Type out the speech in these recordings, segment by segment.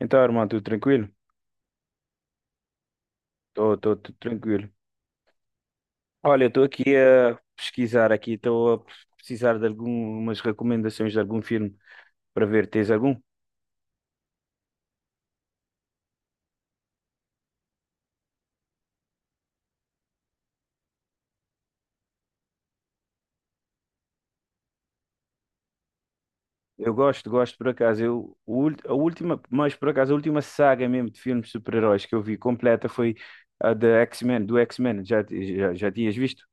Então, irmão, tudo tranquilo? Tô, tudo tranquilo. Olha, estou aqui a pesquisar aqui, estou a precisar de algumas recomendações de algum filme para ver. Tens algum? Eu gosto, gosto por acaso. Eu, a última, mas por acaso, a última saga mesmo de filmes de super-heróis que eu vi completa foi a da X-Men, do X-Men. Já tinhas visto?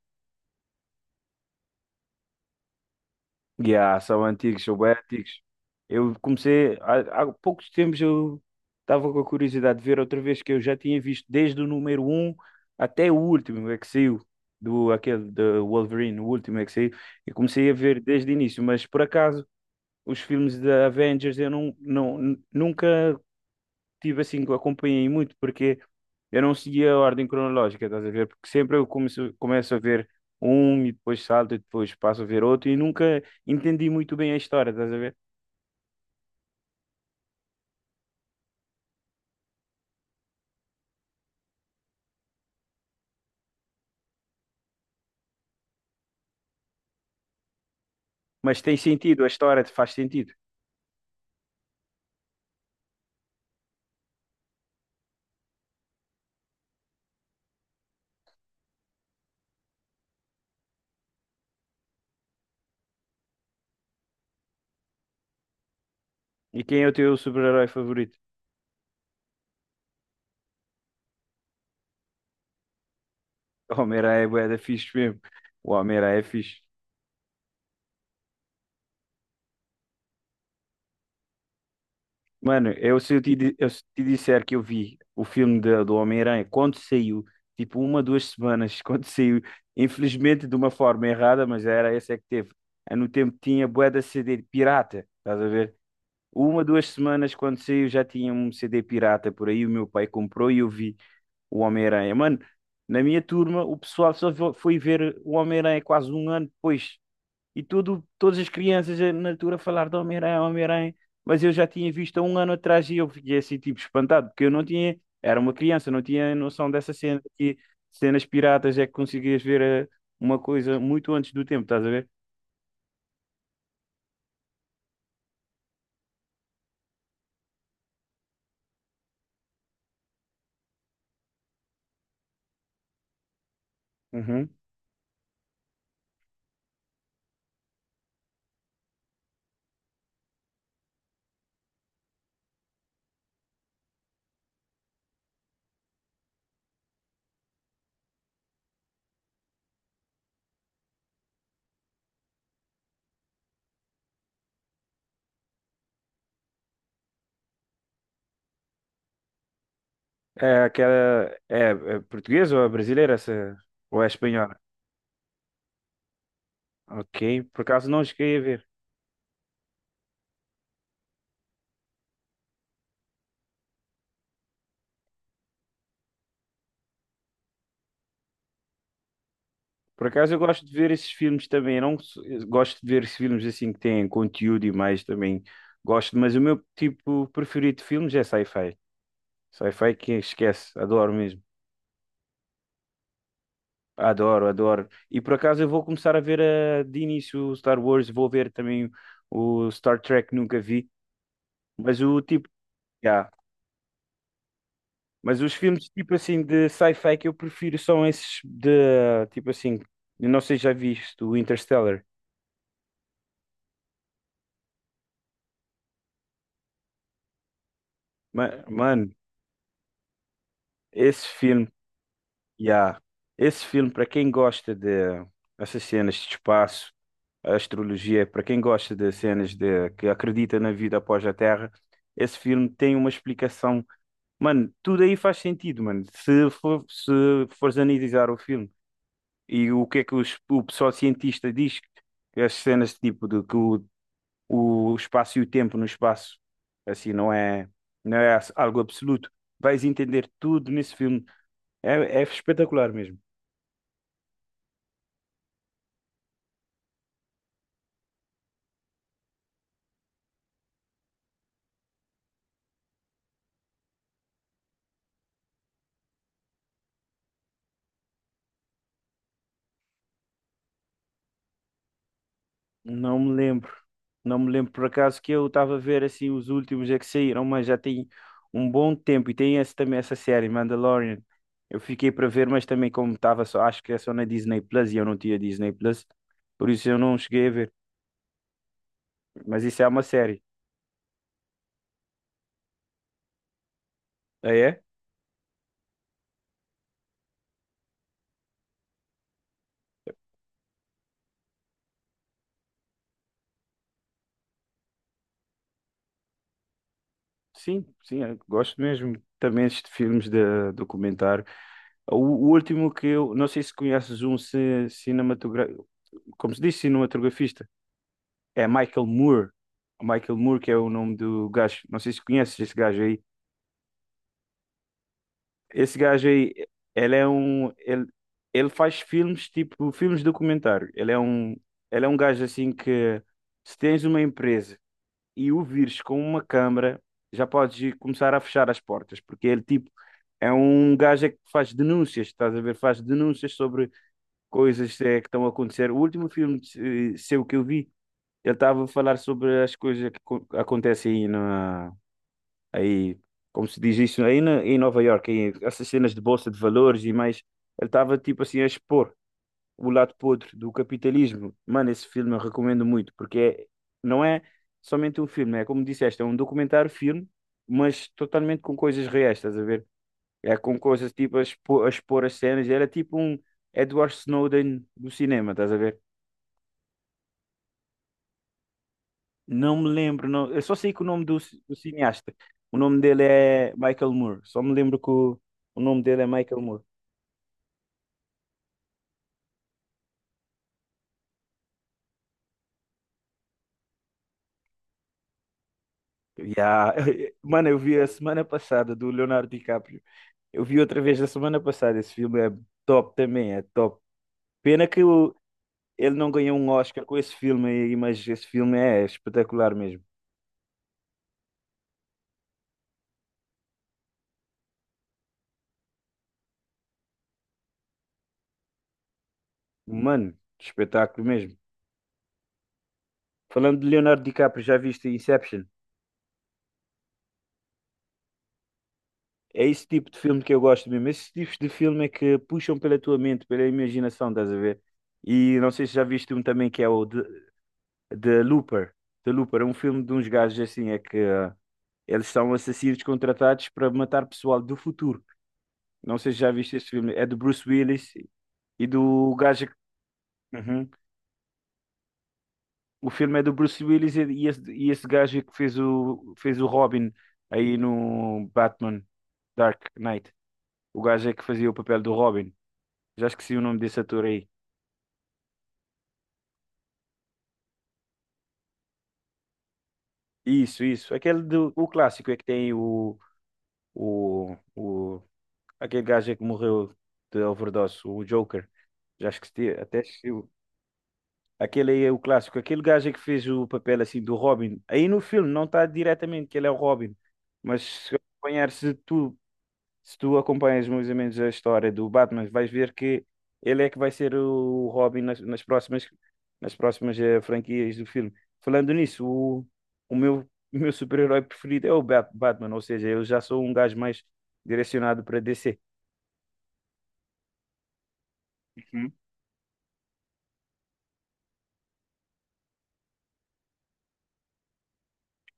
Yeah, são antigos, são bem antigos. Eu comecei, há poucos tempos eu estava com a curiosidade de ver outra vez que eu já tinha visto desde o número um até o último é que saiu, aquele do Wolverine, o último é que saiu. Eu comecei a ver desde o início, mas por acaso os filmes da Avengers eu nunca tive assim, que acompanhei muito, porque eu não seguia a ordem cronológica, estás a ver? Porque sempre eu começo a ver um e depois salto e depois passo a ver outro e nunca entendi muito bem a história, estás a ver? Mas tem sentido, a história faz sentido. E quem é o teu super-herói favorito? O Homem-Aranha é bué da fixe mesmo. O Homem-Aranha é fixe. Mano, eu se te disser que eu vi o filme do Homem-Aranha quando saiu, tipo uma, duas semanas, quando saiu, infelizmente de uma forma errada, mas era essa é que teve. Ah, no tempo tinha bué da CD de pirata, estás a ver? Uma, duas semanas quando saiu já tinha um CD pirata por aí, o meu pai comprou e eu vi o Homem-Aranha. Mano, na minha turma o pessoal foi ver o Homem-Aranha quase um ano depois e tudo, todas as crianças na altura a falar de Homem-Aranha, Homem-Aranha, mas eu já tinha visto há um ano atrás e eu fiquei assim, tipo, espantado, porque eu não tinha, era uma criança, não tinha noção dessa cena, que cenas piratas é que conseguias ver uma coisa muito antes do tempo, estás a ver? Uhum. É aquela, é, é portuguesa ou é brasileira essa, ou é espanhola? Ok, por acaso não cheguei a ver. Por acaso eu gosto de ver esses filmes também. Eu não sou- eu gosto de ver esses filmes assim que têm conteúdo e mais também gosto, mas o meu tipo preferido de filmes é sci-fi. Sci-fi que esquece, adoro mesmo. Adoro, adoro. E por acaso eu vou começar a ver de início o Star Wars, vou ver também o Star Trek, nunca vi, mas o tipo, yeah. Mas os filmes tipo assim de sci-fi que eu prefiro são esses de tipo assim, eu não sei se já viste o Interstellar. Mano, esse filme. Yeah. Esse filme, para quem gosta de essas cenas de espaço, a astrologia, para quem gosta de cenas de que acredita na vida após a Terra, esse filme tem uma explicação. Mano, tudo aí faz sentido, mano. Se fores analisar o filme e o que é que o pessoal cientista diz, que as cenas tipo de o espaço e o tempo no espaço, assim, não é algo absoluto. Vais entender tudo nesse filme. É, é espetacular mesmo. Não me lembro. Não me lembro por acaso que eu estava a ver assim os últimos é que saíram, mas já tem um bom tempo e tem esse, também essa série Mandalorian. Eu fiquei para ver, mas também como estava só, acho que é só na Disney Plus e eu não tinha Disney Plus, por isso eu não cheguei a ver. Mas isso é uma série. Ah, é? Sim, sim, eu gosto mesmo também de filmes de documentário. O último que eu, não sei se conheces um cinematogra... como se diz, cinematografista. É Michael Moore. O Michael Moore, que é o nome do gajo. Não sei se conheces esse gajo aí. Esse gajo aí, ele é um. Ele faz filmes, tipo, filmes documentário. Ele é um. Ele é um gajo assim que. Se tens uma empresa e o vires com uma câmara, já podes ir começar a fechar as portas, porque ele, tipo. É um gajo é que faz denúncias, estás a ver? Faz denúncias sobre coisas que estão a acontecer. O último filme seu que eu vi. Ele estava a falar sobre as coisas que acontecem aí, aí, como se diz isso, em Nova Iorque, aí, essas cenas de bolsa de valores e mais. Ele estava tipo assim a expor o lado podre do capitalismo. Mano, esse filme eu recomendo muito, não é somente um filme, é como disseste, é um documentário-filme, mas totalmente com coisas reais, estás a ver? É com coisas tipo a expor, as cenas. Era tipo um Edward Snowden do cinema, estás a ver? Não me lembro, não. Eu só sei que o nome do, do cineasta, o nome dele é Michael Moore. Só me lembro que o nome dele é Michael Moore. Yeah. Mano, eu vi a semana passada do Leonardo DiCaprio. Eu vi outra vez a semana passada. Esse filme é top também, é top. Pena que ele não ganhou um Oscar com esse filme aí, mas esse filme é espetacular mesmo. Mano, espetáculo mesmo. Falando de Leonardo DiCaprio, já viste Inception? É esse tipo de filme que eu gosto mesmo. Esses tipos de filme é que puxam pela tua mente, pela imaginação, estás a ver? E não sei se já viste um também que é The Looper. The Looper é um filme de uns gajos assim, é que eles são assassinos contratados para matar pessoal do futuro. Não sei se já viste esse filme. É do Bruce Willis e do gajo. Que... Uhum. O filme é do Bruce Willis e esse gajo que fez fez o Robin aí no Batman Dark Knight. O gajo é que fazia o papel do Robin. Já esqueci o nome desse ator aí. Isso, isso. Aquele do o clássico é que tem o aquele gajo é que morreu de overdose, o Joker. Já esqueci, até esqueci. Aquele aí é o clássico. Aquele gajo é que fez o papel assim do Robin. Aí no filme não está diretamente que ele é o Robin, mas se tu acompanhas mais ou menos a história do Batman, vais ver que ele é que vai ser o Robin nas próximas franquias do filme. Falando nisso, o meu, o meu super-herói preferido é o Batman, ou seja, eu já sou um gajo mais direcionado para DC.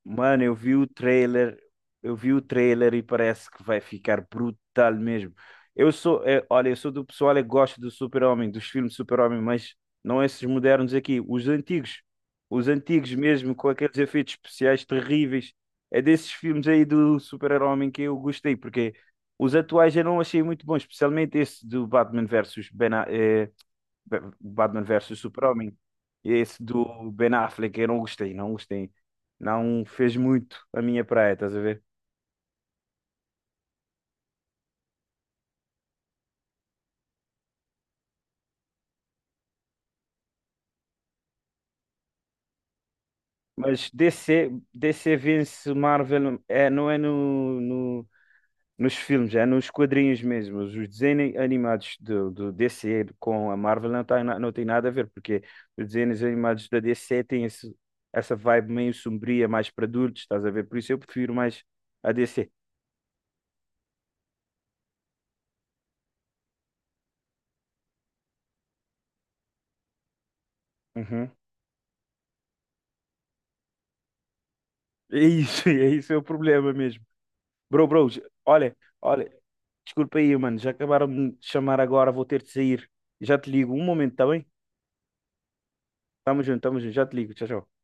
Mano, eu vi o trailer, eu vi o trailer e parece que vai ficar brutal mesmo. Eu sou, olha, eu sou do pessoal que gosta do Super-Homem, dos filmes de Super-Homem, mas não esses modernos aqui, os antigos. Os antigos mesmo, com aqueles efeitos especiais terríveis. É desses filmes aí do Super-Homem que eu gostei, porque os atuais eu não achei muito bons, especialmente esse do Batman versus Ben, Batman versus Super-Homem. Esse do Ben Affleck, eu não gostei, não gostei. Não fez muito a minha praia, estás a ver? Mas DC, DC vence Marvel, é, não é nos filmes, é nos quadrinhos mesmo. Os desenhos animados do DC com a Marvel não, tá, não tem nada a ver, porque os desenhos animados da DC têm essa vibe meio sombria, mais para adultos, estás a ver? Por isso eu prefiro mais a DC. Uhum. É isso, é isso é o problema mesmo. Olha, olha, desculpa aí, mano, já acabaram de me chamar agora, vou ter de sair. Já te ligo, um momento, tá bem? Tamo junto, já te ligo, tchau, tchau.